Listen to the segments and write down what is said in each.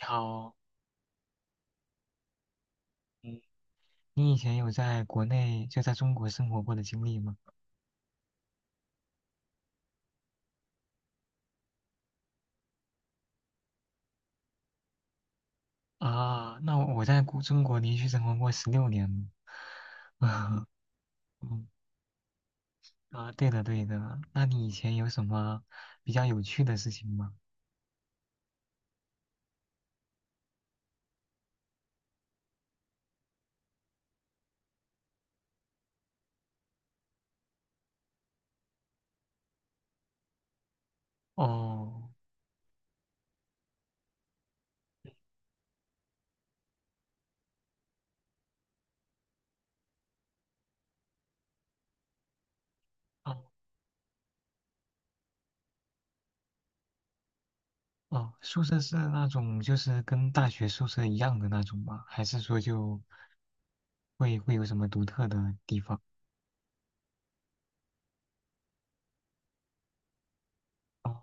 好，嗯，你以前有在国内就在中国生活过的经历吗？啊，那我在中国连续生活过16年了。嗯，啊，对的对的，那你以前有什么比较有趣的事情吗？哦，哦，哦，宿舍是那种就是跟大学宿舍一样的那种吗？还是说就会有什么独特的地方？哦，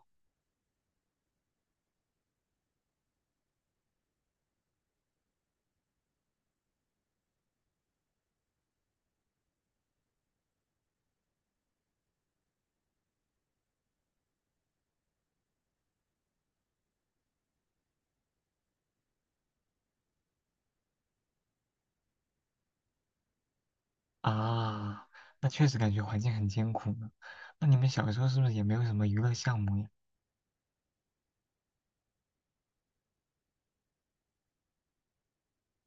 啊，那确实感觉环境很艰苦呢。那你们小时候是不是也没有什么娱乐项目呀？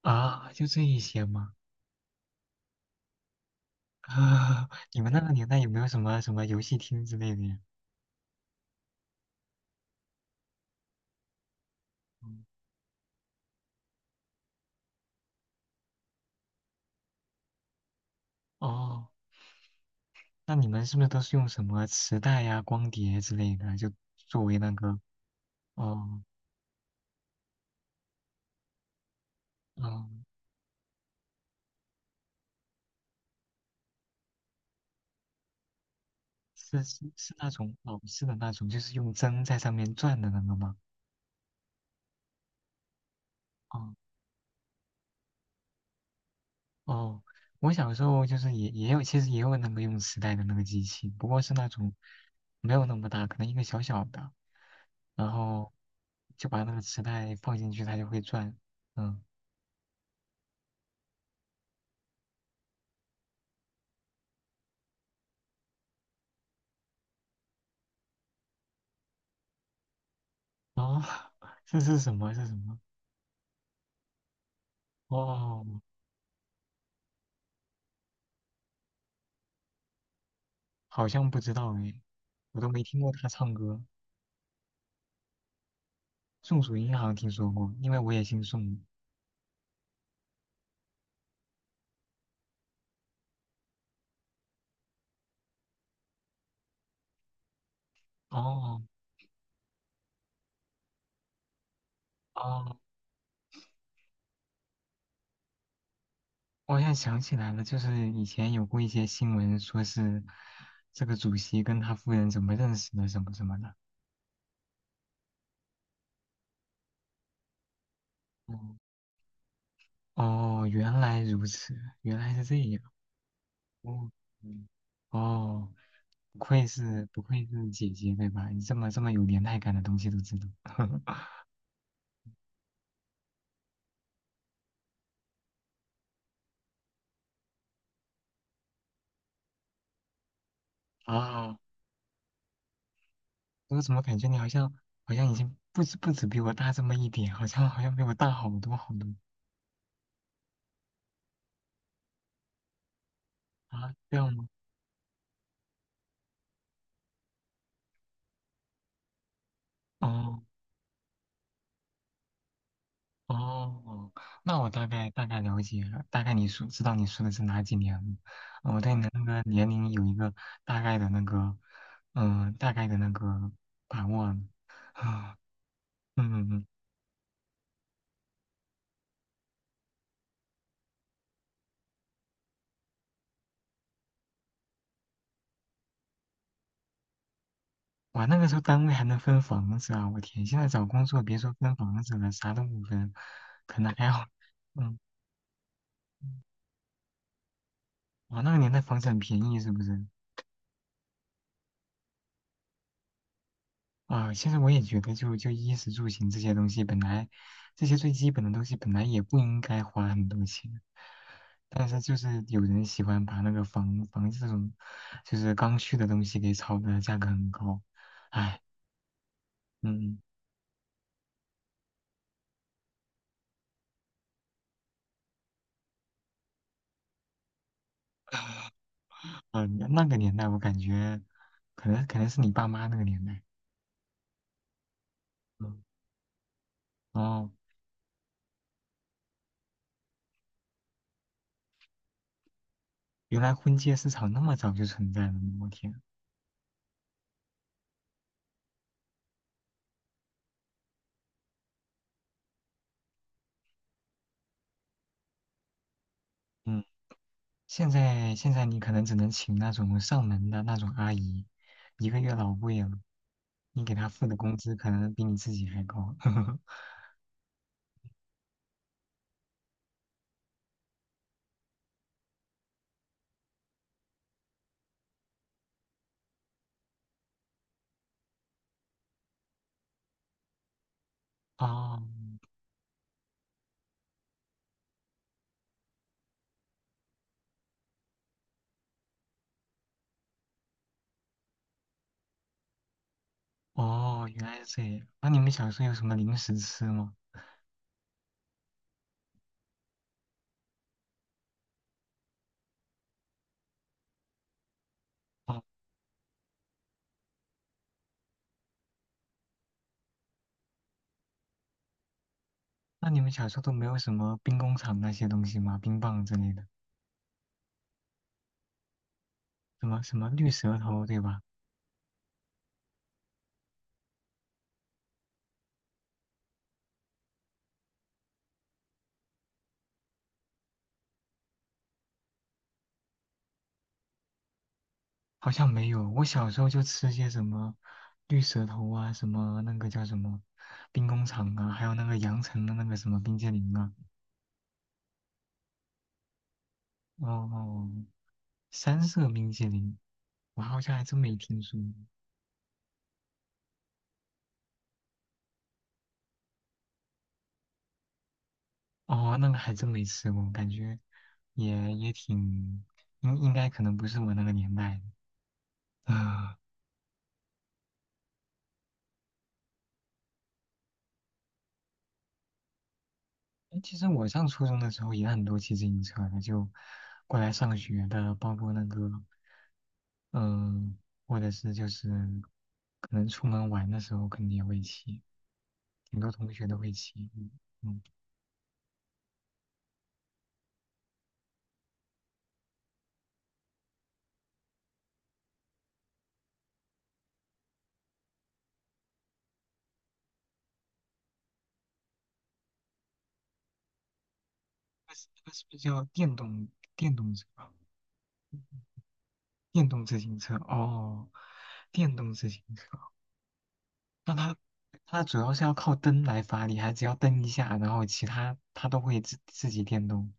啊，就这一些吗？啊，你们那个年代有没有什么什么游戏厅之类的呀？嗯哦，那你们是不是都是用什么磁带呀、光碟之类的，就作为那个，哦，嗯，是是是那种老式的那种，就是用针在上面转的那个吗？哦哦，我小时候就是也有，其实也有那个用磁带的那个机器，不过是那种没有那么大，可能一个小小的，然后就把那个磁带放进去，它就会转。嗯。啊，这是什么？这是什么？哦，好像不知道哎，我都没听过他唱歌。宋祖英好像听说过，因为我也姓宋。哦哦，我好像想起来了，就是以前有过一些新闻，说是这个主席跟他夫人怎么认识的，什么什么的。哦哦，原来如此，原来是这样。哦，嗯哦，不愧是姐姐，对吧？你这么有年代感的东西都知道。啊。我怎么感觉你好像已经不止比我大这么一点，好像比我大好多好多啊？这样吗？哦哦，那我大概了解了，大概你说知道你说的是哪几年了。我对你的那个年龄有一个大概的那个，嗯、大概的那个把握了。啊，嗯，嗯哇，那个时候单位还能分房子啊！我天，现在找工作别说分房子了，啥都不分，可能还好。嗯，哇，那个年代房子很便宜，是不是？啊，现在我也觉得就，就衣食住行这些东西，本来这些最基本的东西，本来也不应该花很多钱，但是就是有人喜欢把那个房这种就是刚需的东西给炒的价格很高，唉，嗯，那个年代我感觉，可能是你爸妈那个年代，嗯，哦，原来婚介市场那么早就存在了呢我天，嗯。现在你可能只能请那种上门的那种阿姨，一个月老贵了，你给她付的工资可能比你自己还高。哦哦，原来是这样。那你们小时候有什么零食吃吗？哦，那你们小时候都没有什么兵工厂那些东西吗？冰棒之类的，什么什么绿舌头，对吧？好像没有，我小时候就吃些什么绿舌头啊，什么那个叫什么兵工厂啊，还有那个羊城的那个什么冰激凌啊。哦，三色冰淇淋，我好像还真没听说过。哦，那个还真没吃过，感觉也挺，应该可能不是我那个年代的。啊、诶其实我上初中的时候也很多骑自行车的，就过来上学的，包括那个，嗯、或者是就是可能出门玩的时候肯定也会骑，很多同学都会骑。嗯，嗯那是不是叫电动车啊？电动自行车哦，电动自行车，那它主要是要靠蹬来发力，还只要蹬一下，然后其他它都会自己电动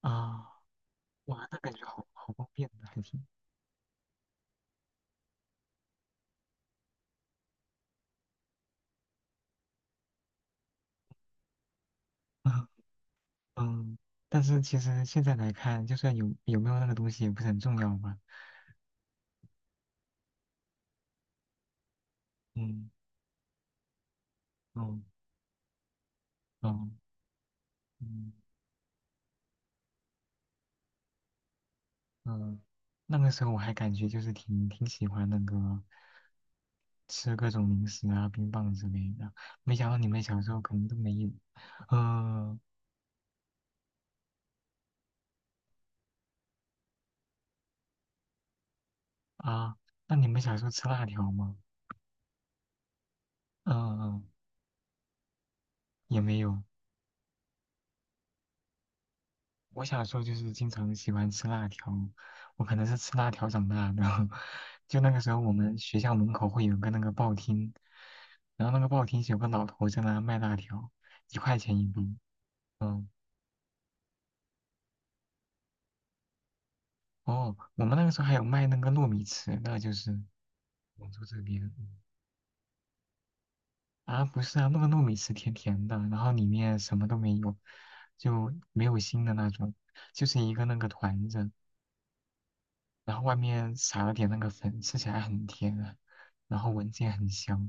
啊，哇，那感觉好好方便的，还是，嗯嗯，但是其实现在来看，就算有没有那个东西也不是很重要吧，嗯嗯嗯嗯，嗯，那个时候我还感觉就是挺喜欢那个吃各种零食啊、冰棒之类的。没想到你们小时候可能都没有。嗯、啊，那你们小时候吃辣条吗？嗯、嗯，也没有。我小时候就是经常喜欢吃辣条，我可能是吃辣条长大的。就那个时候，我们学校门口会有个那个报厅，然后那个报厅是有个老头在那卖辣条，1块钱一包。嗯。哦，我们那个时候还有卖那个糯米糍的，就是广州这边啊，不是啊，那个糯米糍甜甜的，然后里面什么都没有，就没有心的那种，就是一个那个团子，然后外面撒了点那个粉，吃起来很甜啊，然后闻起来很香。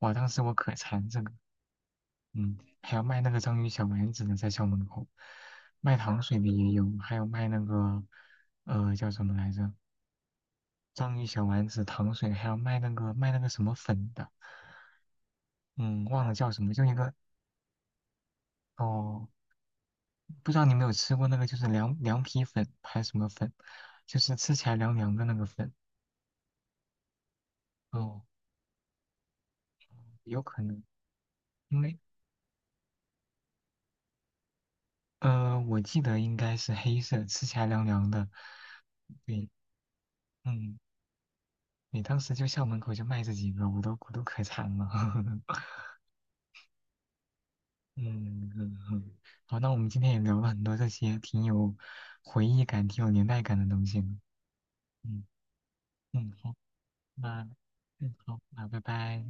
哇，当时我可馋这个，嗯，还有卖那个章鱼小丸子的，在校门口，卖糖水的也有，还有卖那个叫什么来着？章鱼小丸子、糖水，还有卖那个什么粉的，嗯，忘了叫什么，就一个哦，不知道你有没有吃过那个，就是凉皮粉还是什么粉，就是吃起来凉凉的那个粉。哦，有可能，因为我记得应该是黑色，吃起来凉凉的。对，嗯，你当时就校门口就卖这几个，我都可馋了。嗯嗯嗯，好，那我们今天也聊了很多这些挺有回忆感、挺有年代感的东西呢嗯。嗯，好，那嗯好，那拜拜。